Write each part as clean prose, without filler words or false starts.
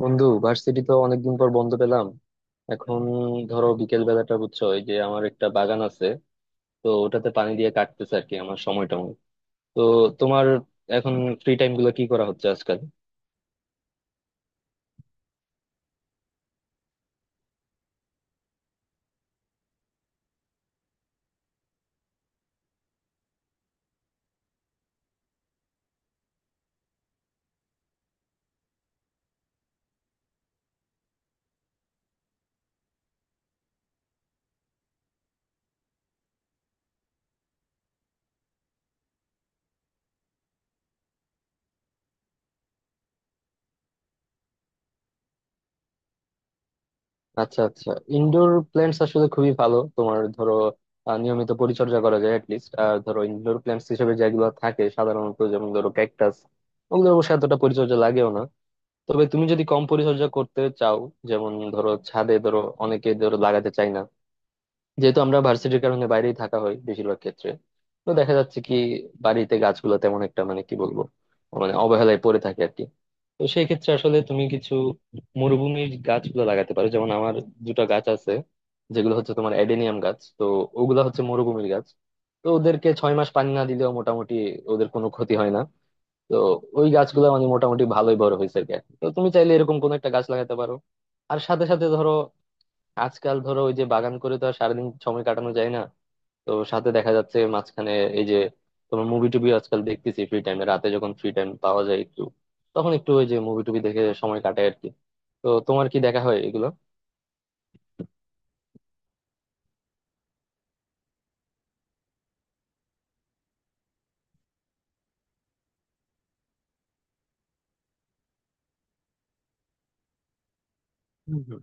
বন্ধু, ভার্সিটি তো অনেকদিন পর বন্ধ পেলাম। এখন ধরো বিকেল বেলাটা, বুঝছো, এই যে আমার একটা বাগান আছে, তো ওটাতে পানি দিয়ে কাটতেছে আর কি, আমার সময়টা অনেক। তো তোমার এখন ফ্রি টাইম গুলো কি করা হচ্ছে আজকাল? আচ্ছা আচ্ছা, ইনডোর প্ল্যান্টস আসলে খুবই ভালো। তোমার ধরো নিয়মিত পরিচর্যা করা যায় লিস্ট, আর ধরো ইনডোর প্ল্যান্টস হিসেবে যেগুলো থাকে সাধারণত, যেমন ধরো ক্যাকটাস, ওগুলো অবশ্য এতটা পরিচর্যা লাগেও না। তবে তুমি যদি কম পরিচর্যা করতে চাও, যেমন ধরো ছাদে, ধরো অনেকে ধরো লাগাতে চায় না, যেহেতু আমরা ভার্সিটির কারণে বাইরেই থাকা হয় বেশিরভাগ ক্ষেত্রে। তো দেখা যাচ্ছে কি, বাড়িতে গাছগুলো তেমন একটা মানে কি বলবো, মানে অবহেলায় পড়ে থাকে আর কি। তো সেই ক্ষেত্রে আসলে তুমি কিছু মরুভূমির গাছগুলো লাগাতে পারো। যেমন আমার দুটো গাছ আছে, যেগুলো হচ্ছে তোমার অ্যাডেনিয়াম গাছ। তো ওগুলা হচ্ছে মরুভূমির গাছ, তো ওদেরকে ছয় মাস পানি না দিলেও মোটামুটি ওদের কোনো ক্ষতি হয় না। তো ওই গাছগুলো মানে মোটামুটি ভালোই বড় হয়েছে আর কি। তো তুমি চাইলে এরকম কোন একটা গাছ লাগাতে পারো। আর সাথে সাথে ধরো, আজকাল ধরো ওই যে বাগান করে তো আর সারাদিন সময় কাটানো যায় না, তো সাথে দেখা যাচ্ছে মাঝখানে এই যে তোমার মুভি টুবি আজকাল দেখতেছি ফ্রি টাইমে। রাতে যখন ফ্রি টাইম পাওয়া যায় একটু, তখন একটু ওই যে মুভি টুবি দেখে সময় কাটায় আর কি। তো তোমার কি দেখা হয় এগুলো? হুম, হুম।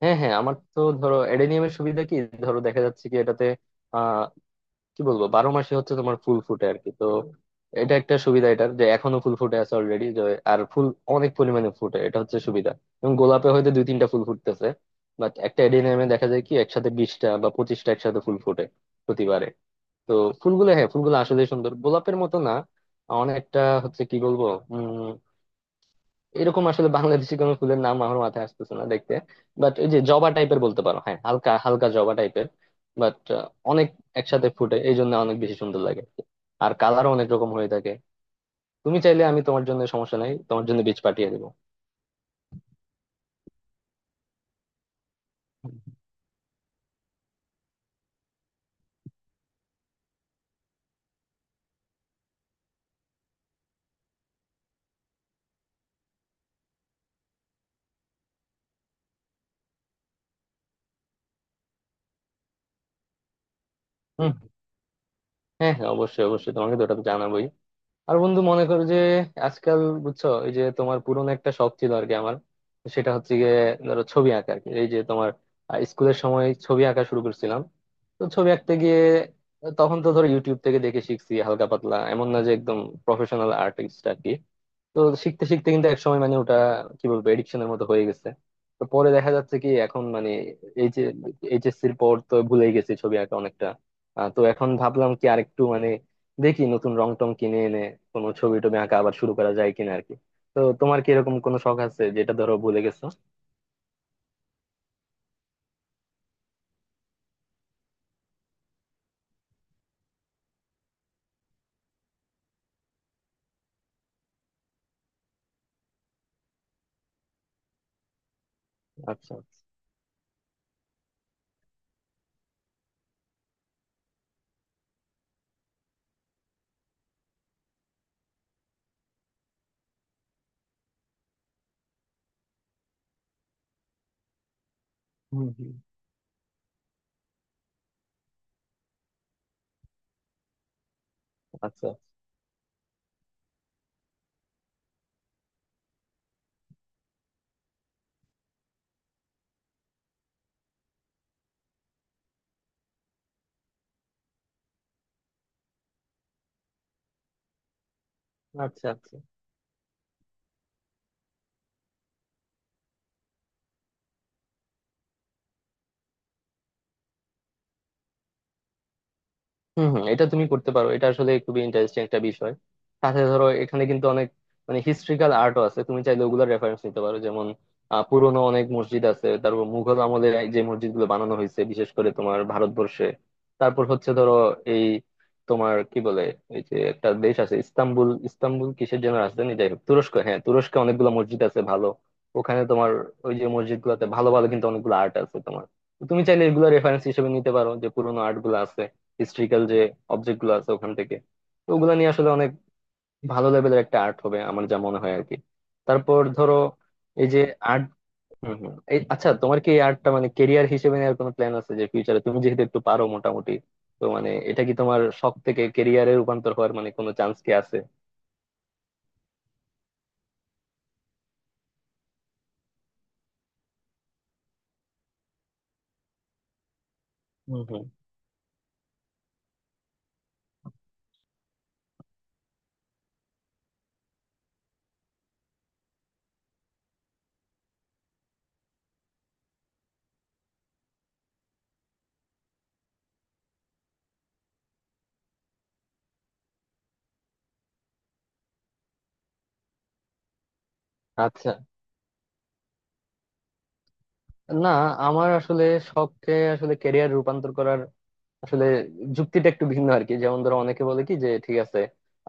হ্যাঁ হ্যাঁ, আমার তো ধরো অ্যাডেনিয়ামের সুবিধা কি, ধরো দেখা যাচ্ছে কি এটাতে, কি বলবো, বারো মাসে হচ্ছে তোমার ফুল ফুটে আর কি। তো এটা একটা সুবিধা এটার, যে এখনো ফুল ফুটে আছে অলরেডি। আর ফুল অনেক পরিমাণে ফুটে, এটা হচ্ছে সুবিধা। এবং গোলাপে হয়তো দুই তিনটা ফুল ফুটতেছে, বাট একটা এডেনিয়ামে দেখা যায় কি একসাথে বিশটা বা পঁচিশটা একসাথে ফুল ফুটে প্রতিবারে। তো ফুলগুলো, হ্যাঁ ফুলগুলো আসলে সুন্দর, গোলাপের মতো না অনেকটা, হচ্ছে কি বলবো, উম এরকম আসলে বাংলাদেশি কোনো ফুলের নাম আমার মাথায় আসতেছে না দেখতে। বাট ওই যে জবা টাইপের বলতে পারো, হ্যাঁ হালকা হালকা জবা টাইপের। বাট অনেক একসাথে ফুটে এই জন্য অনেক বেশি সুন্দর লাগে আর কি। আর কালারও অনেক রকম হয়ে থাকে। তুমি চাইলে আমি তোমার জন্য, সমস্যা নাই, তোমার জন্য বীজ পাঠিয়ে দেবো। হুম, হ্যাঁ হ্যাঁ, অবশ্যই অবশ্যই, তোমাকে তো ওটা তো জানাবোই। আর বন্ধু মনে করো যে আজকাল, বুঝছো, এই যে তোমার পুরনো একটা শখ ছিল আর কি আমার, সেটা হচ্ছে গিয়ে ধরো ছবি আঁকা আর কি। এই যে তোমার স্কুলের সময় ছবি আঁকা শুরু করছিলাম। তো ছবি আঁকতে গিয়ে তখন তো ধরো ইউটিউব থেকে দেখে শিখছি হালকা পাতলা, এমন না যে একদম প্রফেশনাল আর্টিস্ট আর কি। তো শিখতে শিখতে কিন্তু এক সময় মানে ওটা, কি বলবো, এডিকশনের মতো হয়ে গেছে। তো পরে দেখা যাচ্ছে কি এখন মানে এই যে এইচএসসির পর তো ভুলেই গেছি ছবি আঁকা অনেকটা। তো এখন ভাবলাম কি আরেকটু মানে দেখি নতুন রং টং কিনে এনে কোনো ছবি টবি আঁকা আবার শুরু করা যায় কিনা আর কি। তো তোমার কি এরকম কোনো শখ আছে যেটা ধরো ভুলে গেছো? আচ্ছা। হুম হুম। আচ্ছা আচ্ছা আচ্ছা, হম হম, এটা তুমি করতে পারো, এটা আসলে খুবই ইন্টারেস্টিং একটা বিষয়। সাথে ধরো এখানে কিন্তু অনেক মানে হিস্ট্রিক্যাল আর্টও আছে, তুমি চাইলে ওগুলোর রেফারেন্স নিতে পারো। যেমন পুরোনো অনেক মসজিদ আছে, তারপর মুঘল আমলে যে মসজিদ গুলো বানানো হয়েছে বিশেষ করে তোমার ভারতবর্ষে, তারপর হচ্ছে ধরো এই তোমার কি বলে, এই যে একটা দেশ আছে ইস্তাম্বুল, ইস্তাম্বুল কিসের যেন রাজধানী, যাই হোক, তুরস্ক, হ্যাঁ তুরস্কে অনেকগুলো মসজিদ আছে ভালো। ওখানে তোমার ওই যে মসজিদ গুলাতে ভালো ভালো কিন্তু অনেকগুলো আর্ট আছে তোমার। তো তুমি চাইলে এগুলো রেফারেন্স হিসেবে নিতে পারো, যে পুরোনো আর্ট গুলো আছে, হিস্ট্রিক্যাল যে অবজেক্ট গুলো আছে ওখান থেকে। তো ওগুলা নিয়ে আসলে অনেক ভালো লেভেলের একটা আর্ট হবে আমার যা মনে হয় আর কি। তারপর ধরো এই যে আর্ট, হম হম এই আচ্ছা, তোমার কি এই আর্টটা মানে কেরিয়ার হিসেবে নেওয়ার কোনো প্ল্যান আছে? যে ফিউচারে তুমি যেহেতু একটু পারো মোটামুটি, তো মানে এটা কি তোমার শখ থেকে কেরিয়ারে রূপান্তর হওয়ার মানে কোনো চান্স কি আছে? হুম হুম। আচ্ছা, না, আমার আসলে শখকে আসলে ক্যারিয়ার রূপান্তর করার আসলে যুক্তিটা একটু ভিন্ন আর কি। যেমন ধরো অনেকে বলে কি যে ঠিক আছে,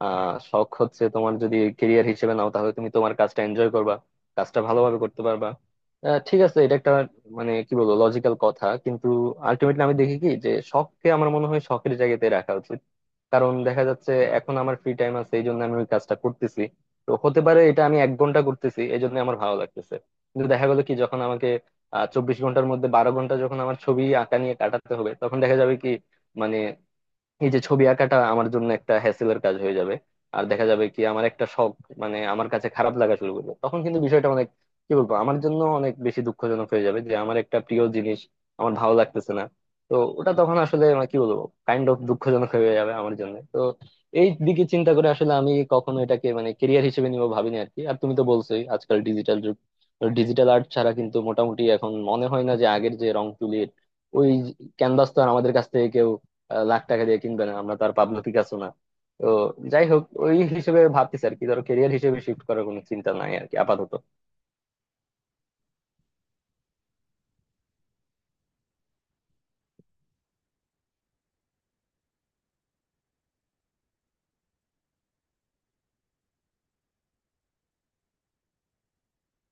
শখ হচ্ছে তোমার, যদি কেরিয়ার হিসেবে নাও তাহলে তুমি তোমার কাজটা এনজয় করবা, কাজটা ভালোভাবে করতে পারবা। ঠিক আছে, এটা একটা মানে কি বলবো লজিক্যাল কথা, কিন্তু আলটিমেটলি আমি দেখি কি, যে শখকে আমার মনে হয় শখের জায়গাতে রাখা উচিত। কারণ দেখা যাচ্ছে এখন আমার ফ্রি টাইম আছে এই জন্য আমি ওই কাজটা করতেছি। তো হতে পারে এটা আমি এক ঘন্টা করতেছি এই জন্য আমার ভালো লাগতেছে, কিন্তু দেখা গেলো কি যখন আমাকে চব্বিশ ঘন্টার মধ্যে বারো ঘন্টা যখন আমার ছবি আঁকা নিয়ে কাটাতে হবে, তখন দেখা যাবে কি, মানে এই যে ছবি আঁকাটা আমার জন্য একটা হ্যাসেলের কাজ হয়ে যাবে। আর দেখা যাবে কি আমার একটা শখ মানে আমার কাছে খারাপ লাগা শুরু করবে, তখন কিন্তু বিষয়টা অনেক, কি বলবো, আমার জন্য অনেক বেশি দুঃখজনক হয়ে যাবে, যে আমার একটা প্রিয় জিনিস আমার ভালো লাগতেছে না। তো ওটা তখন আসলে মানে কি বলবো কাইন্ড অফ দুঃখজনক হয়ে যাবে আমার জন্য। তো এই দিকে চিন্তা করে আসলে আমি কখনো এটাকে মানে কেরিয়ার হিসেবে নিব ভাবিনি আর কি। আর তুমি তো বলছোই আজকাল ডিজিটাল যুগ, ডিজিটাল আর্ট ছাড়া কিন্তু মোটামুটি এখন মনে হয় না যে আগের যে রং তুলির ওই ক্যানভাস তো আর আমাদের কাছ থেকে কেউ লাখ টাকা দিয়ে কিনবে না, আমরা তো আর পাবলো পিকাসো না। তো যাই হোক, ওই হিসেবে ভাবতেছি আর কি, ধরো কেরিয়ার হিসেবে শিফট করার কোনো চিন্তা নাই আর কি আপাতত।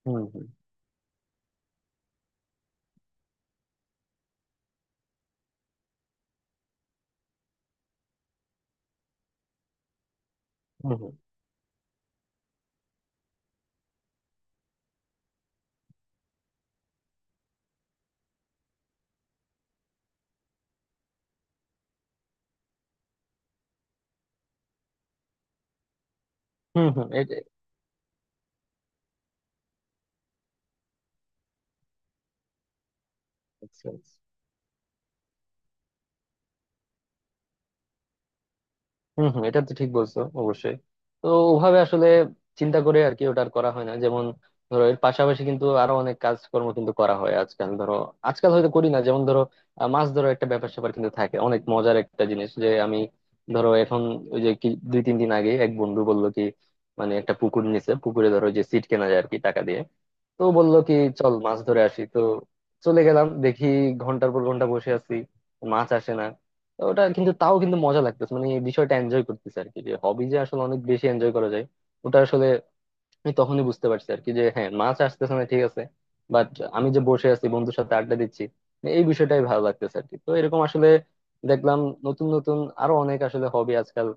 হুম হুম। হুম হুম। হুম হুম, এটা- আচ্ছা আচ্ছা। হম হম, এটা তো ঠিক বলছো অবশ্যই। তো ওভাবে আসলে চিন্তা করে আর কি ওটা আর করা হয় না। যেমন ধরো এর পাশাপাশি কিন্তু আরো অনেক কাজকর্ম কিন্তু করা হয় আজকাল, ধরো আজকাল হয়তো করি না, যেমন ধরো মাছ ধরো একটা ব্যাপার স্যাপার কিন্তু থাকে, অনেক মজার একটা জিনিস। যে আমি ধরো এখন ওই যে কি দুই তিন দিন আগে এক বন্ধু বললো কি, মানে একটা পুকুর নিছে, পুকুরে ধরো যে সিট কেনা যায় আর কি টাকা দিয়ে, তো বললো কি চল মাছ ধরে আসি। তো চলে গেলাম, দেখি ঘন্টার পর ঘন্টা বসে আছি, মাছ আসে না। তো ওটা কিন্তু তাও কিন্তু মজা লাগতেছে, মানে এই বিষয়টা এনজয় করতেছে আর কি, যে হবি যে আসলে অনেক বেশি এনজয় করা যায় ওটা আসলে। আমি তখনই বুঝতে পারছি আর কি, যে হ্যাঁ মাছ আসতেছে না ঠিক আছে, বাট আমি যে বসে আছি বন্ধুর সাথে আড্ডা দিচ্ছি এই বিষয়টাই ভালো লাগতেছে আর কি। তো এরকম আসলে দেখলাম নতুন নতুন আরো অনেক আসলে হবি আজকাল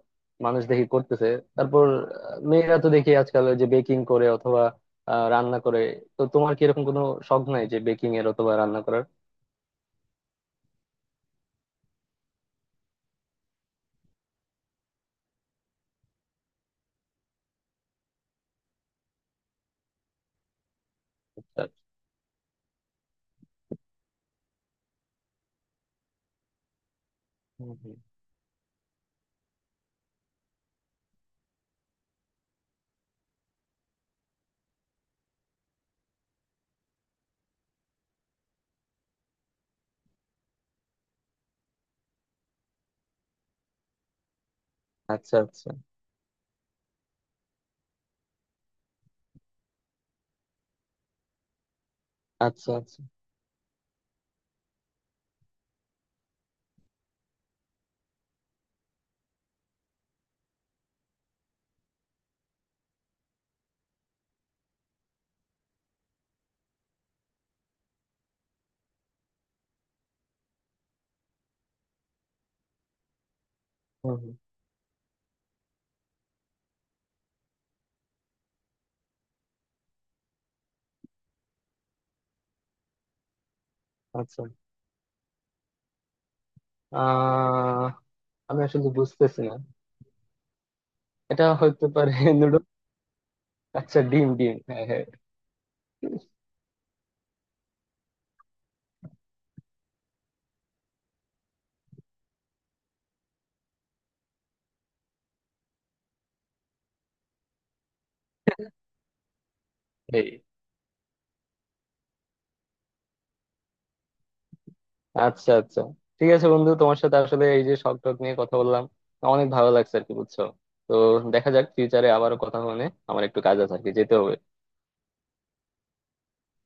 মানুষ দেখি করতেছে। তারপর মেয়েরা তো দেখি আজকাল ওই যে বেকিং করে অথবা রান্না করে। তো তোমার কি এরকম কোনো শখ নাই যে বেকিং এর অথবা রান্না করার? হুম, হুম। আচ্ছা আচ্ছা। আচ্ছা আচ্ছা। হুম হুম। আচ্ছা, আহ আমি আসলে বুঝতেছি না। এটা হতে পারে নুডলস। আচ্ছা, ডিম, ডিম, হ্যাঁ হ্যাঁ। এই আচ্ছা আচ্ছা। ঠিক আছে বন্ধু, তোমার সাথে আসলে এই যে শখ টক নিয়ে কথা বললাম, অনেক ভালো লাগছে আর কি, বুঝছো। তো দেখা যাক ফিউচারে আবারও কথা হবে। না। আমার একটু কাজ আছে আর কি, যেতে হবে।